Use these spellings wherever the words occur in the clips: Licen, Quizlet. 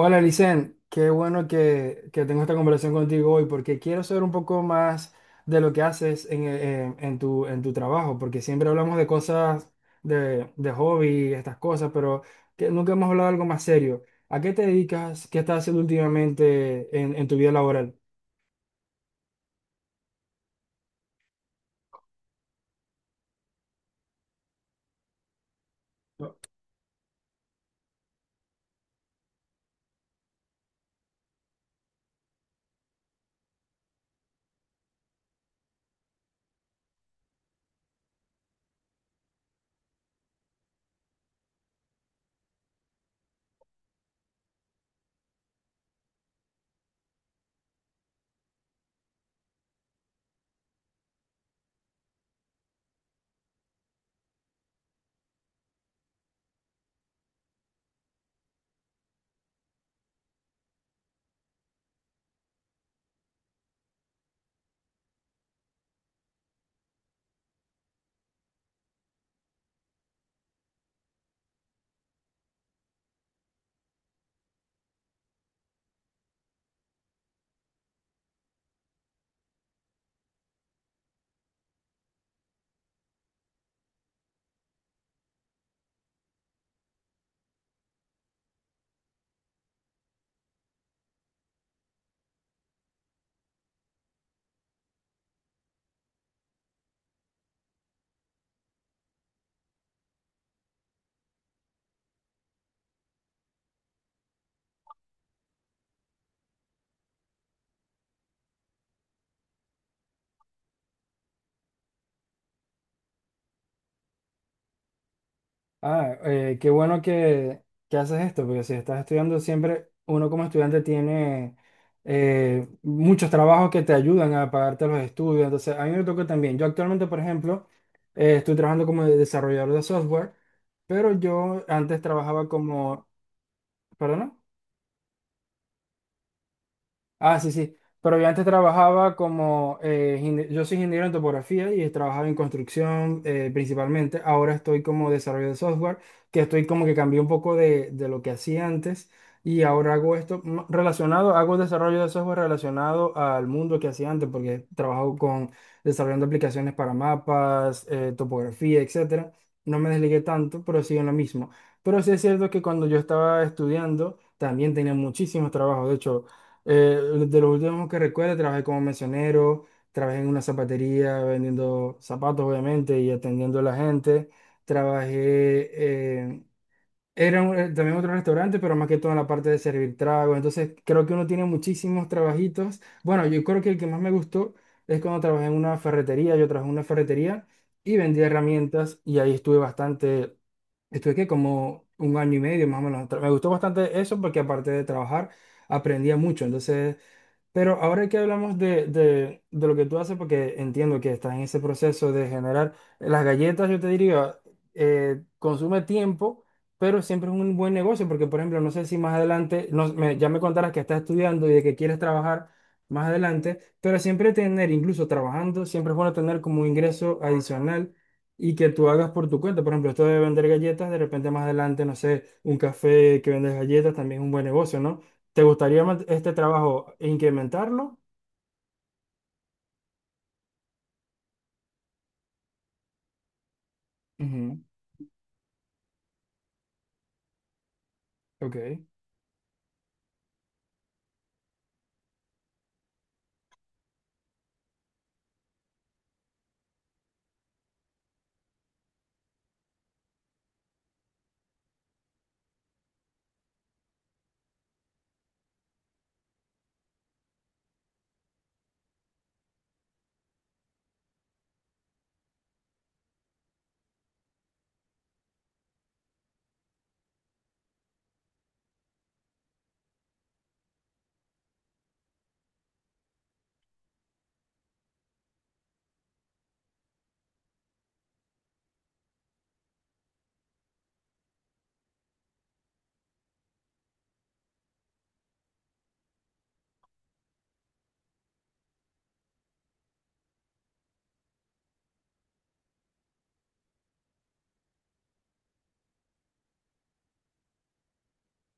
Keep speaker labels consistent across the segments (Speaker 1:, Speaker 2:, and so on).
Speaker 1: Hola, Licen, qué bueno que tengo esta conversación contigo hoy porque quiero saber un poco más de lo que haces en tu trabajo, porque siempre hablamos de cosas de hobby, estas cosas, pero que nunca hemos hablado de algo más serio. ¿A qué te dedicas? ¿Qué estás haciendo últimamente en tu vida laboral? Qué bueno que haces esto, porque si estás estudiando siempre, uno como estudiante tiene muchos trabajos que te ayudan a pagarte los estudios. Entonces, a mí me toca también. Yo actualmente, por ejemplo, estoy trabajando como desarrollador de software, pero yo antes trabajaba como... ¿Perdona? Ah, sí, sí. Pero yo antes trabajaba como yo soy ingeniero en topografía y trabajaba en construcción principalmente. Ahora estoy como desarrollo de software, que estoy como que cambié un poco de lo que hacía antes y ahora hago esto relacionado, hago desarrollo de software relacionado al mundo que hacía antes, porque trabajo con desarrollando aplicaciones para mapas, topografía, etcétera. No me desligué tanto, pero sigo en lo mismo. Pero sí es cierto que cuando yo estaba estudiando, también tenía muchísimos trabajos. De hecho, eh, de los últimos que recuerdo, trabajé como mesonero, trabajé en una zapatería vendiendo zapatos, obviamente, y atendiendo a la gente. Trabajé, eh, también otro restaurante, pero más que todo en la parte de servir tragos. Entonces, creo que uno tiene muchísimos trabajitos. Bueno, yo creo que el que más me gustó es cuando trabajé en una ferretería. Yo trabajé en una ferretería y vendía herramientas y ahí estuve bastante, estuve que como un año y medio más o menos. Me gustó bastante eso porque aparte de trabajar, aprendía mucho. Entonces, pero ahora que hablamos de lo que tú haces, porque entiendo que estás en ese proceso de generar las galletas, yo te diría, consume tiempo, pero siempre es un buen negocio, porque por ejemplo, no sé si más adelante, ya me contarás que estás estudiando y de que quieres trabajar más adelante, pero siempre tener, incluso trabajando, siempre es bueno tener como un ingreso adicional y que tú hagas por tu cuenta. Por ejemplo, esto de vender galletas, de repente más adelante, no sé, un café que vendes galletas también es un buen negocio, ¿no? ¿Te gustaría este trabajo incrementarlo? Ujú. Ok.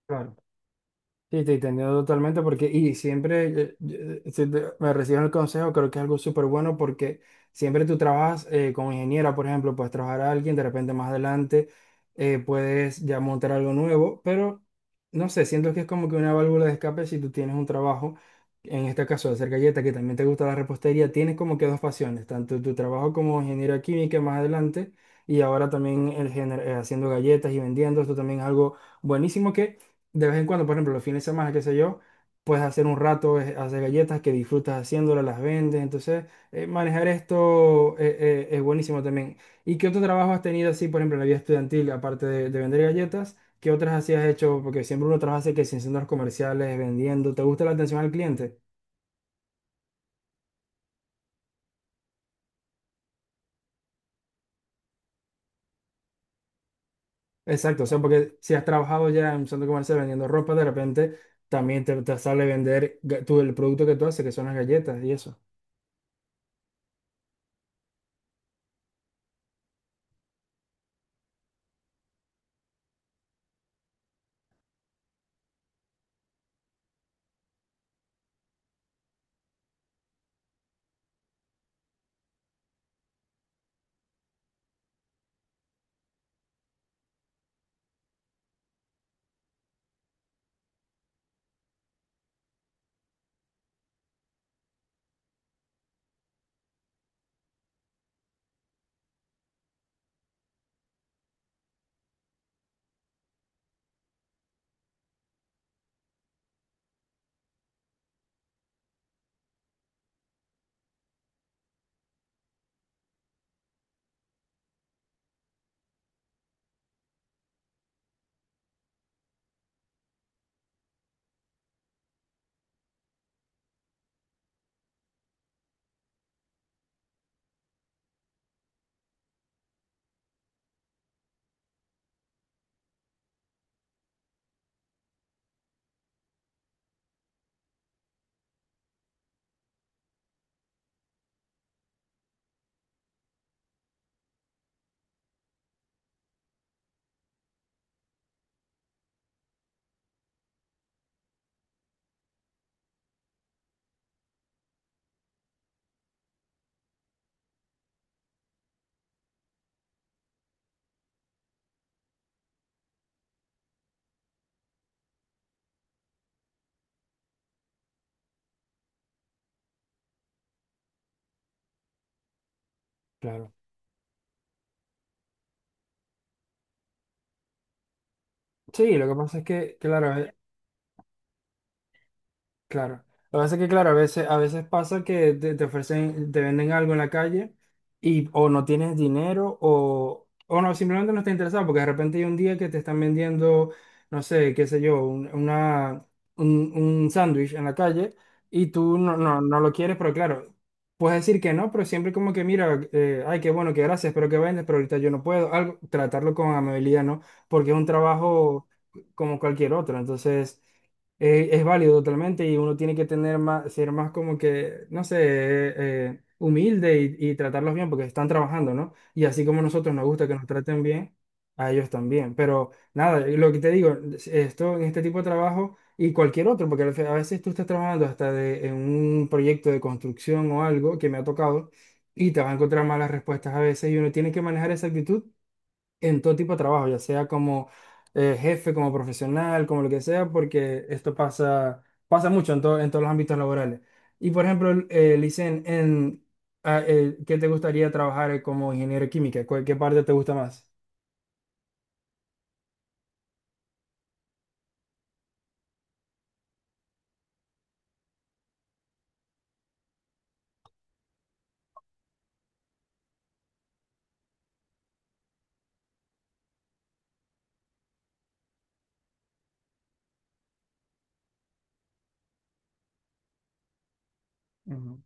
Speaker 1: Claro. Sí, te entiendo totalmente porque, y siempre si me reciben el consejo, creo que es algo súper bueno porque siempre tú trabajas como ingeniera, por ejemplo, puedes trabajar a alguien, de repente más adelante puedes ya montar algo nuevo, pero no sé, siento que es como que una válvula de escape si tú tienes un trabajo, en este caso de hacer galletas, que también te gusta la repostería, tienes como que dos pasiones, tanto tu trabajo como ingeniera química más adelante y ahora también el haciendo galletas y vendiendo, esto también es algo buenísimo de vez en cuando, por ejemplo, los fines de semana, qué sé yo, puedes hacer un rato, hacer galletas que disfrutas haciéndolas, las vendes. Entonces, manejar esto es buenísimo también. ¿Y qué otro trabajo has tenido así, por ejemplo, en la vida estudiantil, aparte de vender galletas? ¿Qué otras así has hecho? Porque siempre uno trabaja así que sin centros comerciales, vendiendo. ¿Te gusta la atención al cliente? Exacto, o sea, porque si has trabajado ya en un centro comercial vendiendo ropa, de repente también te sale vender tú, el producto que tú haces, que son las galletas y eso. Claro. Sí, lo que pasa es que, claro. Claro. Lo que pasa es que, claro, a veces pasa que te ofrecen, te venden algo en la calle y o no tienes dinero o no, simplemente no estás interesado porque de repente hay un día que te están vendiendo, no sé, qué sé yo, un sándwich en la calle y tú no lo quieres, pero claro, puedes decir que no, pero siempre como que mira, ay, qué bueno, qué gracias, pero que vendes, pero ahorita yo no puedo, algo, tratarlo con amabilidad, ¿no? Porque es un trabajo como cualquier otro, entonces... Es válido totalmente y uno tiene que tener más, ser más como que, no sé, humilde y tratarlos bien porque están trabajando, ¿no? Y así como a nosotros nos gusta que nos traten bien, a ellos también. Pero nada, lo que te digo, esto en este tipo de trabajo y cualquier otro, porque a veces tú estás trabajando hasta de, en un proyecto de construcción o algo que me ha tocado y te vas a encontrar malas respuestas a veces y uno tiene que manejar esa actitud en todo tipo de trabajo, ya sea como jefe, como profesional, como lo que sea, porque esto pasa, pasa mucho en, en todos los ámbitos laborales. Y por ejemplo, Licen, ¿qué te gustaría trabajar como ingeniero de química? ¿Qué parte te gusta más? Ujú.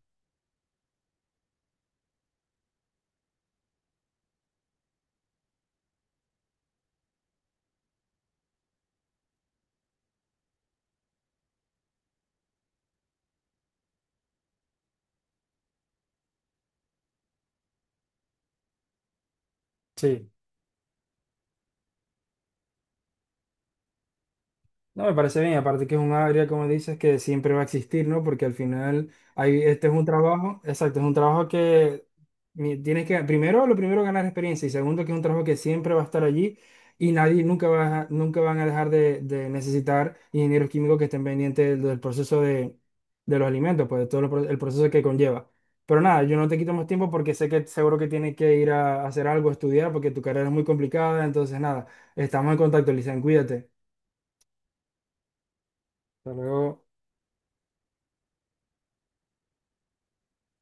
Speaker 1: Sí. No, me parece bien, aparte que es un área, como dices, que siempre va a existir, ¿no? Porque al final hay, este es un trabajo, exacto, es un trabajo que tienes que, primero, lo primero, ganar experiencia y segundo, que es un trabajo que siempre va a estar allí y nadie, nunca nunca van a dejar de necesitar ingenieros químicos que estén pendientes del proceso de los alimentos, pues de todo el proceso que conlleva. Pero nada, yo no te quito más tiempo porque sé que seguro que tienes que ir a hacer algo, a estudiar, porque tu carrera es muy complicada, entonces nada, estamos en contacto, Lisan, cuídate. Hasta luego.